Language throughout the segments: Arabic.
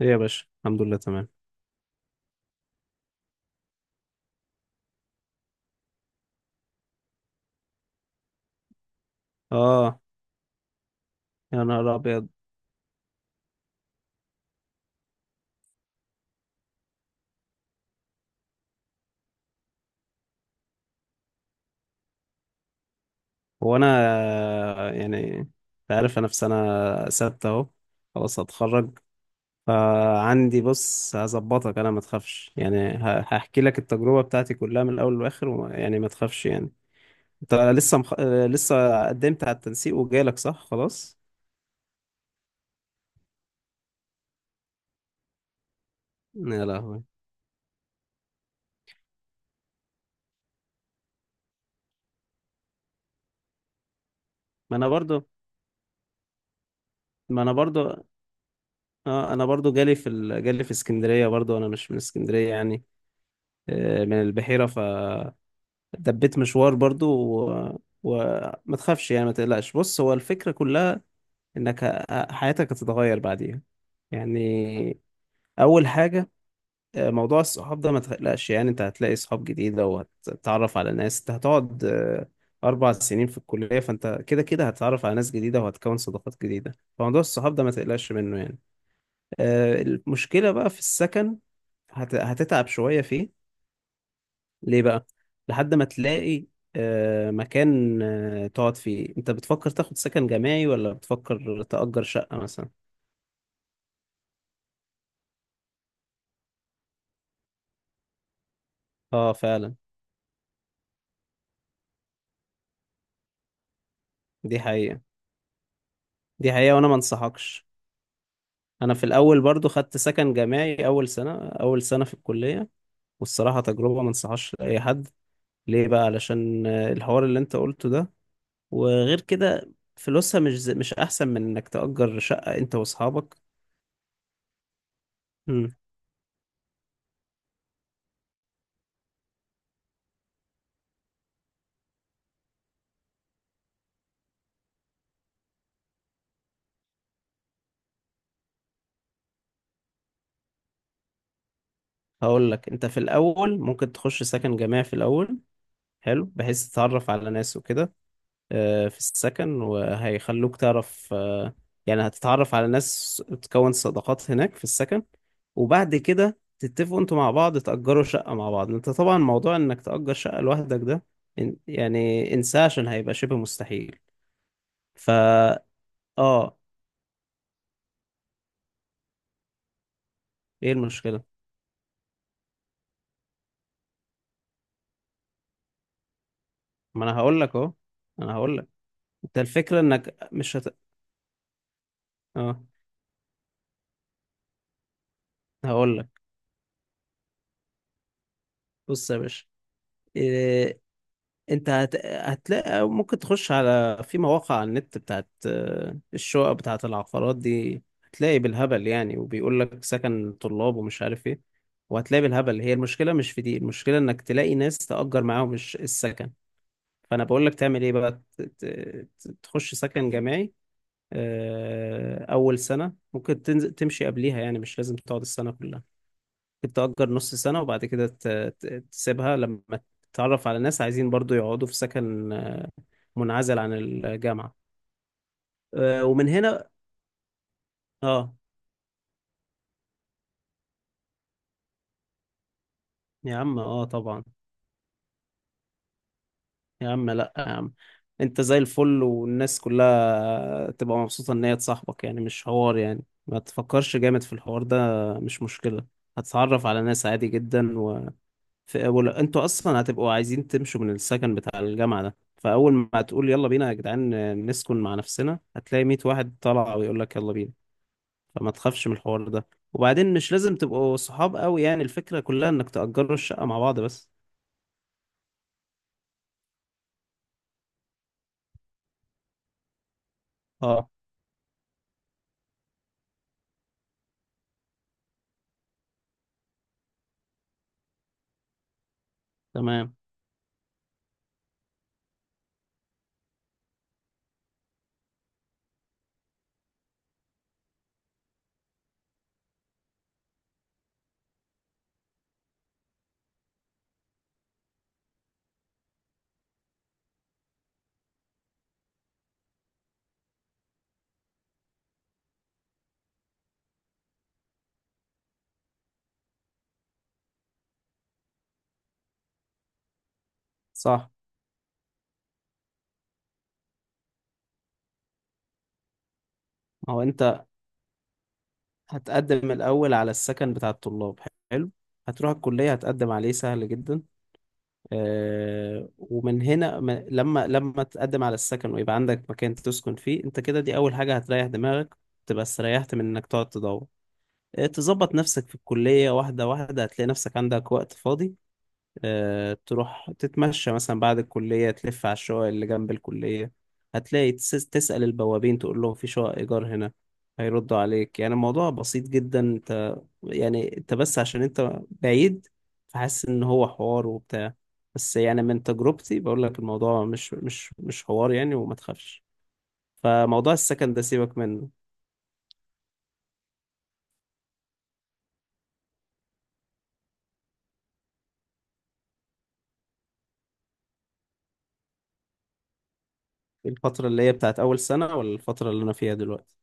ايه يا باشا، الحمد لله تمام. اه. يا نهار ابيض! هو انا، يعني انت عارف، انا في سنه سته اهو، خلاص هتخرج. فعندي، بص هظبطك، انا ما تخافش يعني، هحكي لك التجربه بتاعتي كلها من الاول للاخر يعني ما تخافش يعني. انت لسه مخ... آه، لسه قدمت على التنسيق وجالك، صح؟ خلاص. يا لهوي. ما انا برضو ما انا برضو. اه انا برضو جالي في اسكندريه، برضو انا مش من اسكندريه يعني. من البحيره، ف دبيت مشوار برضو. وما تخافش يعني، ما تقلقش. بص هو الفكرة كلها انك حياتك هتتغير بعديها يعني. اول حاجة، موضوع الصحاب ده ما تقلقش يعني، انت هتلاقي صحاب جديدة وهتتعرف على ناس. انت هتقعد 4 سنين في الكلية، فانت كده كده هتتعرف على ناس جديدة وهتكون صداقات جديدة. فموضوع الصحاب ده ما تقلقش منه يعني. المشكلة بقى في السكن. هتتعب شوية فيه. ليه بقى؟ لحد ما تلاقي مكان تقعد فيه. انت بتفكر تاخد سكن جماعي ولا بتفكر تأجر شقة مثلا؟ اه فعلا. دي حقيقة، دي حقيقة، وانا ما انصحكش. انا في الاول برضو خدت سكن جماعي، اول سنة، اول سنة في الكلية، والصراحة تجربة ما انصحهاش لاي حد. ليه بقى؟ علشان الحوار اللي انت قلته ده. وغير كده فلوسها مش احسن من انك تأجر شقة انت واصحابك. مم. هقول لك، انت في الاول ممكن تخش سكن جماعي في الاول، حلو، بحيث تتعرف على ناس وكده في السكن، وهيخلوك تعرف، يعني هتتعرف على ناس، تكون صداقات هناك في السكن. وبعد كده تتفقوا انتوا مع بعض تأجروا شقة مع بعض. انت طبعا موضوع انك تأجر شقة لوحدك ده يعني انساه، عشان هيبقى شبه مستحيل. فا اه، ايه المشكلة؟ ما انا هقول لك اهو، انا هقول لك. انت الفكرة انك مش هت... اه، هقول لك. بص يا باشا، آه، انت هتلاقي، ممكن تخش على، في مواقع على النت بتاعت الشقق، بتاعت العقارات دي، هتلاقي بالهبل يعني، وبيقول لك سكن طلاب ومش عارف ايه. وهتلاقي بالهبل. هي المشكلة مش في دي، المشكلة انك تلاقي ناس تأجر معاهم السكن. فانا بقول لك تعمل ايه بقى، تخش سكن جامعي اول سنة. ممكن تنزل تمشي قبليها، يعني مش لازم تقعد السنة كلها، ممكن تأجر نص سنة وبعد كده تسيبها لما تتعرف على ناس عايزين برضو يقعدوا في سكن منعزل عن الجامعة. ومن هنا. اه يا عم، اه طبعا. يا عم لا يا عم، انت زي الفل والناس كلها تبقى مبسوطة ان هي تصاحبك. يعني مش حوار يعني، ما تفكرش جامد في الحوار ده، مش مشكلة. هتتعرف على ناس عادي جدا انتوا اصلا هتبقوا عايزين تمشوا من السكن بتاع الجامعة ده. فاول ما تقول يلا بينا يا جدعان نسكن مع نفسنا، هتلاقي 100 واحد طالع ويقول لك يلا بينا. فما تخافش من الحوار ده. وبعدين مش لازم تبقوا صحاب قوي، يعني الفكرة كلها انك تأجروا الشقة مع بعض بس. اه، تمام، صح. ما هو انت هتقدم الاول على السكن بتاع الطلاب، حلو، هتروح الكلية هتقدم عليه، سهل جدا. آه، ومن هنا، لما تقدم على السكن ويبقى عندك مكان تسكن فيه، انت كده دي اول حاجة هتريح دماغك، تبقى استريحت من انك تقعد تدور. تظبط نفسك في الكلية واحدة واحدة، هتلاقي نفسك عندك وقت فاضي، تروح تتمشى مثلا بعد الكلية، تلف على الشقق اللي جنب الكلية، هتلاقي تسأل البوابين تقول لهم في شقق إيجار هنا، هيردوا عليك. يعني الموضوع بسيط جدا. انت يعني، انت بس عشان انت بعيد، فحاسس ان هو حوار وبتاع، بس يعني من تجربتي بقول لك، الموضوع مش حوار يعني، وما تخافش. فموضوع السكن ده سيبك منه. الفترة اللي هي بتاعت أول سنة ولا الفترة اللي أنا فيها دلوقتي؟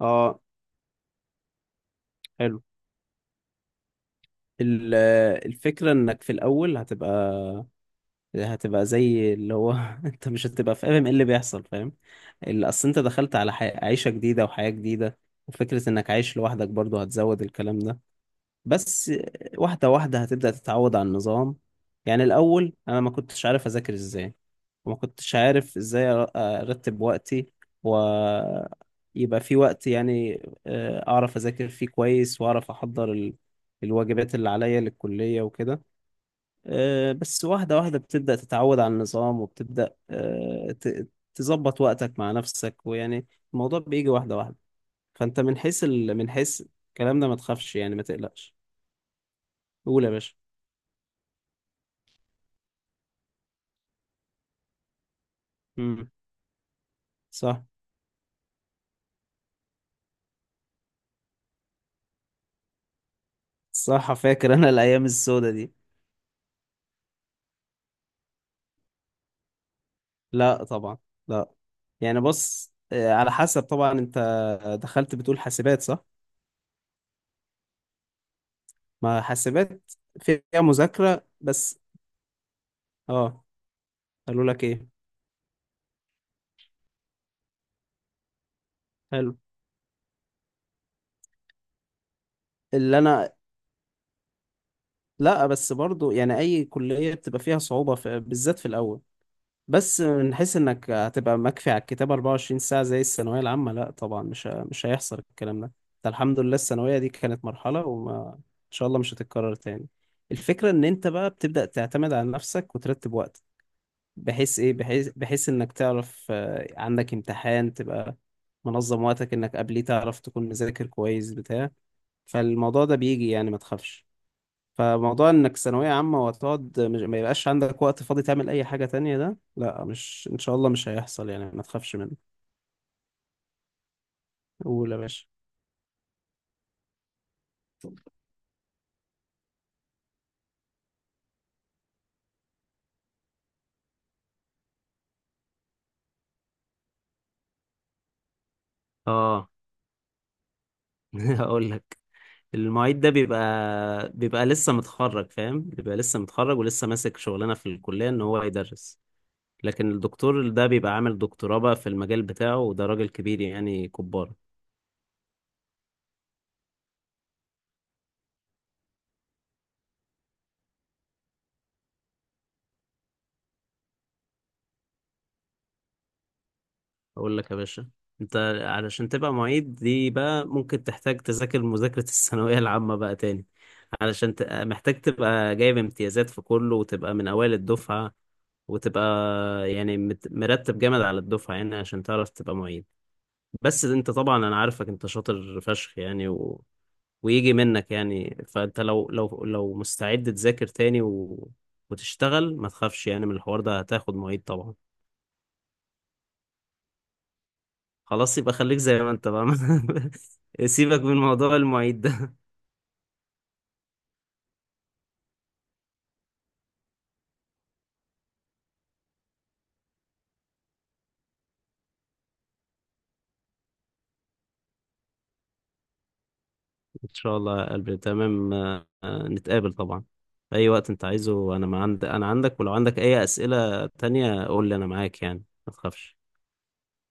اه، حلو. ال- الفكرة انك في الأول هتبقى، زي اللي هو انت مش هتبقى فاهم ايه اللي بيحصل، فاهم؟ اللي اصل انت دخلت على عيشة جديدة وحياة جديدة، وفكرة انك عايش لوحدك برضو هتزود الكلام ده. بس واحدة واحدة هتبدأ تتعود على النظام. يعني الاول انا ما كنتش عارف اذاكر ازاي، وما كنتش عارف ازاي ارتب وقتي، ويبقى في وقت يعني اعرف اذاكر فيه كويس، واعرف احضر الواجبات اللي عليا للكلية وكده. بس واحدة واحدة بتبدأ تتعود على النظام، وبتبدأ تظبط وقتك مع نفسك. ويعني الموضوع بيجي واحدة واحدة. فأنت من حيث من حيث الكلام ده ما تخافش يعني، ما تقلقش. قول يا باشا. امم. صح، صح، فاكر أنا الأيام السودة دي. لا طبعا، لا. يعني بص، على حسب طبعا. أنت دخلت بتقول حاسبات، صح؟ ما حاسبات فيها مذاكرة بس. اه، قالوا لك ايه؟ حلو. اللي انا، لا بس برضو يعني اي كلية بتبقى فيها صعوبة في، بالذات في الاول. بس من حيث انك هتبقى مكفي على الكتاب 24 ساعة زي الثانوية العامة، لا طبعا، مش هيحصل الكلام ده. انت الحمد لله الثانوية دي كانت مرحلة، وما ان شاء الله مش هتتكرر تاني. الفكرة ان انت بقى بتبدأ تعتمد على نفسك وترتب وقتك، بحيث ايه، بحيث انك تعرف عندك امتحان تبقى منظم وقتك انك قبليه تعرف تكون مذاكر كويس بتاع فالموضوع ده بيجي، يعني ما تخافش. فموضوع انك ثانوية عامة وتقعد مش... ما يبقاش عندك وقت فاضي تعمل اي حاجة تانية، ده لا، مش ان شاء الله، مش هيحصل يعني، ما تخافش منه. قول يا باشا. اه. هقول لك. المعيد ده بيبقى، لسه متخرج، فاهم؟ بيبقى لسه متخرج ولسه ماسك شغلانه في الكليه ان هو يدرس. لكن الدكتور ده بيبقى عامل دكتوراه بقى في المجال بتاعه، وده راجل كبير يعني، كبار. اقول لك يا باشا، انت علشان تبقى معيد دي بقى، ممكن تحتاج تذاكر مذاكرة الثانوية العامة بقى تاني، علشان محتاج تبقى جايب امتيازات في كله، وتبقى من اوائل الدفعة، وتبقى يعني مرتب جامد على الدفعة يعني، عشان تعرف تبقى معيد. بس انت طبعا انا عارفك، انت شاطر فشخ يعني، و... ويجي منك يعني. فانت لو لو مستعد تذاكر تاني و... وتشتغل، ما تخافش يعني من الحوار ده، هتاخد معيد طبعا. خلاص يبقى خليك زي ما انت بقى. سيبك من موضوع المعيد ده. ان شاء الله يا قلبي، تمام. نتقابل طبعا، في اي وقت انت عايزه. انا ما عند... انا عندك، ولو عندك اي اسئلة تانية قول لي، انا معاك يعني، ما تخافش.